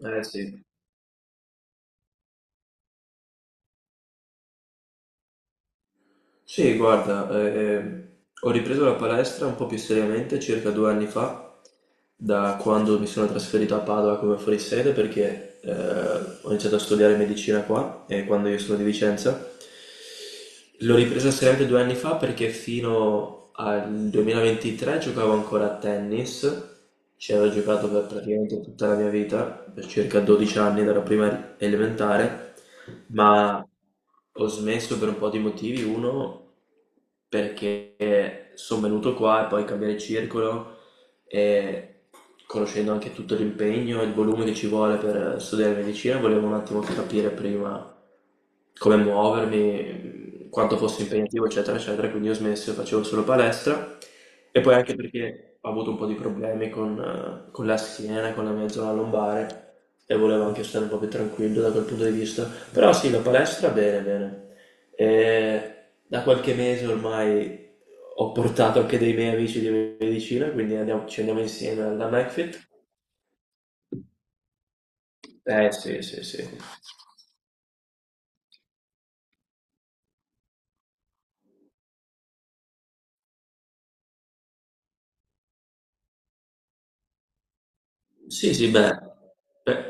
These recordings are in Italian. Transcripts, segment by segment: Eh sì. Sì, guarda, ho ripreso la palestra un po' più seriamente circa 2 anni fa, da quando mi sono trasferito a Padova come fuorisede perché ho iniziato a studiare medicina qua, e quando io sono di Vicenza. L'ho ripresa seriamente 2 anni fa perché fino al 2023 giocavo ancora a tennis, ci avevo giocato per praticamente tutta la mia vita, per circa 12 anni, dalla prima elementare, ma ho smesso per un po' di motivi. Uno, perché sono venuto qua e poi cambiare circolo e conoscendo anche tutto l'impegno e il volume che ci vuole per studiare medicina, volevo un attimo capire prima come muovermi, quanto fosse impegnativo, eccetera, eccetera. Quindi ho smesso e facevo solo palestra. E poi anche perché ho avuto un po' di problemi con la schiena, con la mia zona lombare e volevo anche stare un po' più tranquillo da quel punto di vista. Però sì, la palestra bene, bene. E da qualche mese ormai ho portato anche dei miei amici di medicina, quindi ci andiamo insieme alla McFit. Eh sì, sì, sì. Sì, sì, beh, beh,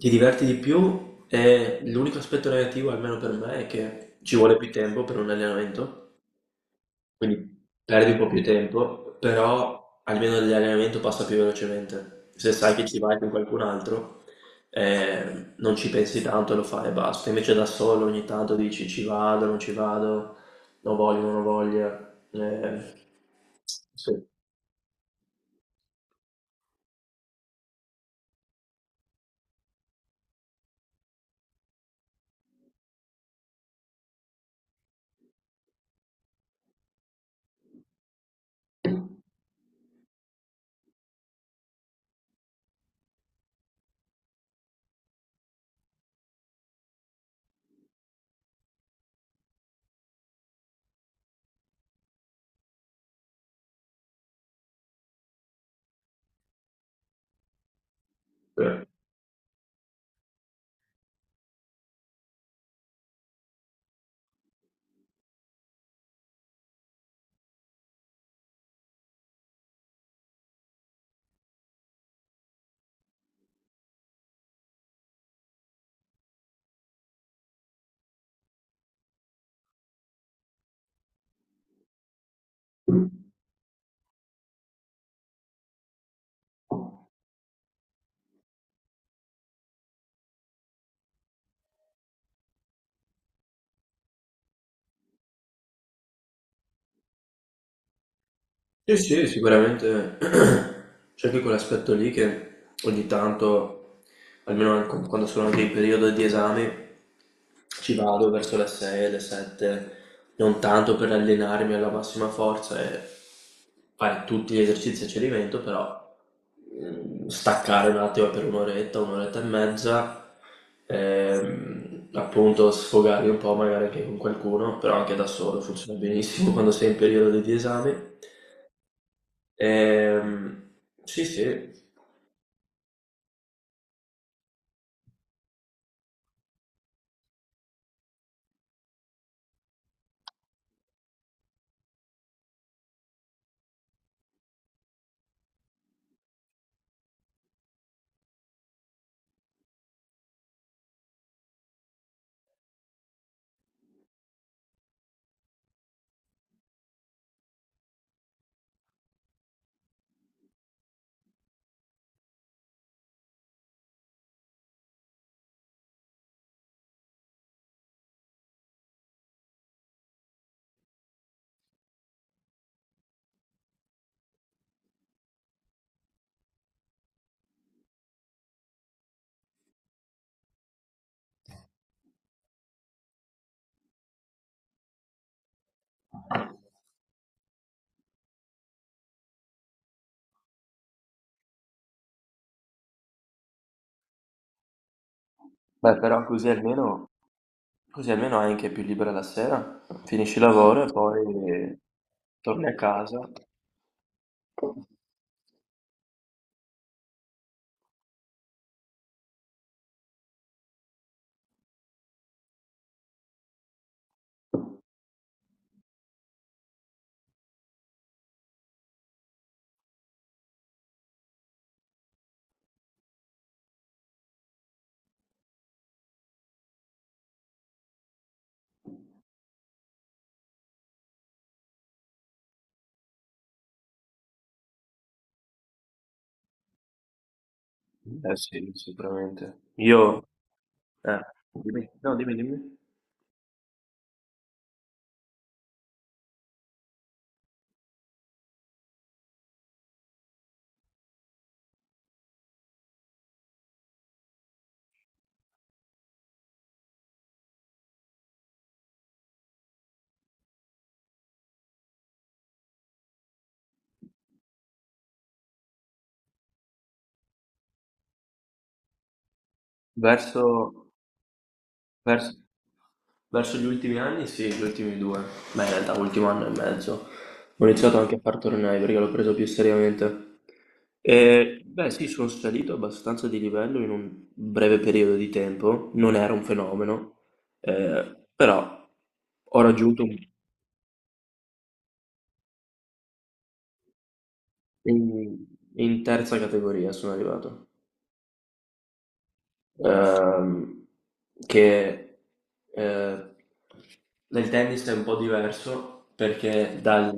ti diverti di più e l'unico aspetto negativo, almeno per me, è che ci vuole più tempo per un allenamento. Quindi perdi un po' più tempo, però almeno l'allenamento passa più velocemente. Se sai che ci vai con qualcun altro, non ci pensi tanto, lo fai e basta. Invece da solo ogni tanto dici ci vado, non voglio, non ho voglia. Sì, sì. Sì, sì, sicuramente c'è anche quell'aspetto lì che ogni tanto, almeno quando sono anche in periodo di esami, ci vado verso le 6, le 7, non tanto per allenarmi alla massima forza e fare tutti gli esercizi a cedimento, però staccare un attimo per un'oretta, un'oretta e mezza, appunto sfogarmi un po' magari anche con qualcuno, però anche da solo funziona benissimo quando sei in periodo di esami. Ehm, sì, sì. Beh, però così almeno hai anche più libera la sera, finisci il lavoro e poi torni a casa. Eh sì, sicuramente. Io, eh, dimmi, no, dimmi, dimmi. Verso, verso, verso gli ultimi anni, sì, gli ultimi due. Beh, in realtà, ultimo anno e mezzo. Ho iniziato anche a far tornei perché l'ho preso più seriamente. Beh, sì, sono salito abbastanza di livello in un breve periodo di tempo, non era un fenomeno, però ho raggiunto in, in terza categoria, sono arrivato. Ehm, che eh, Nel tennis è un po' diverso perché dal.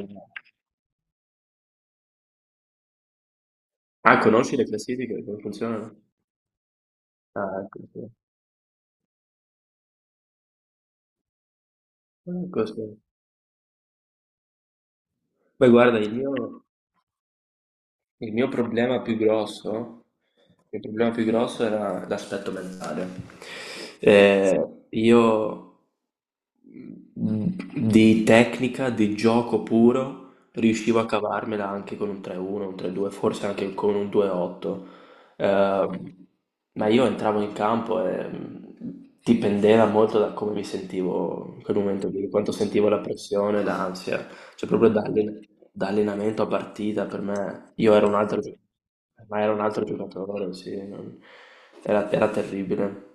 Ah, conosci le classifiche, come funzionano? Ah, ecco, sì. Ecco, sì. Beh, guarda, il mio. Il mio problema più grosso, il mio problema più grosso era l'aspetto mentale. Eh, io mh, di tecnica, di gioco puro, riuscivo a cavarmela anche con un 3-1, un 3-2, forse anche con un 2-8. Eh, ma io entravo in campo e dipendeva molto da come mi sentivo in quel momento lì, quanto sentivo la pressione, l'ansia. Cioè proprio da allenamento a partita per me, io ero un altro, ma era un altro giocatore, sì, era terribile.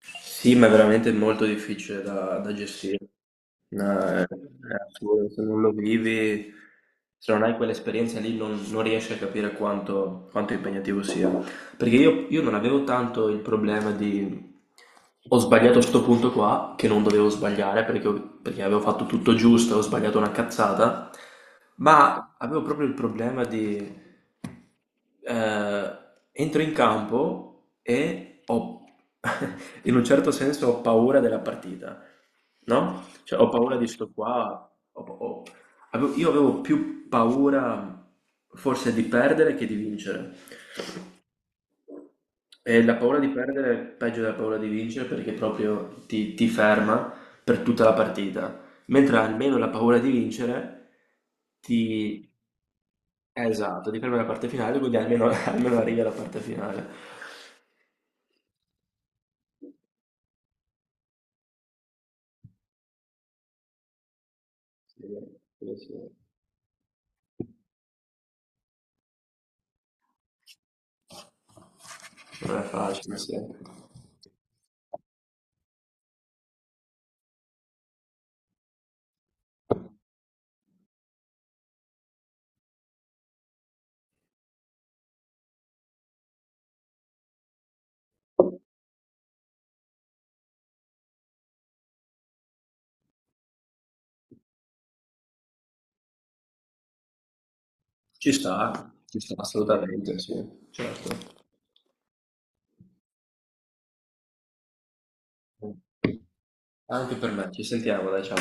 Sì, ma è veramente molto difficile da gestire. No, è assurdo, se non lo vivi, se non hai quell'esperienza lì, non riesci a capire quanto impegnativo sia. Perché io non avevo tanto il problema di ho sbagliato sto punto qua, che non dovevo sbagliare perché, perché avevo fatto tutto giusto, ho sbagliato una cazzata, ma avevo proprio il problema di. eh, Entro in campo e ho, in un certo senso, ho paura della partita, no? Cioè, ho paura di sto qua. ho- ho- io avevo più paura forse di perdere che di vincere. E la paura di perdere è peggio della paura di vincere perché proprio ti ferma per tutta la partita. Mentre almeno la paura di vincere ti, esatto, di prendere la parte finale, quindi almeno almeno arrivi alla parte finale. Sì, sì, sì. Non è facile, sì. Ci sta assolutamente, sì. Certo. Anche per me, ci sentiamo, dai, ciao.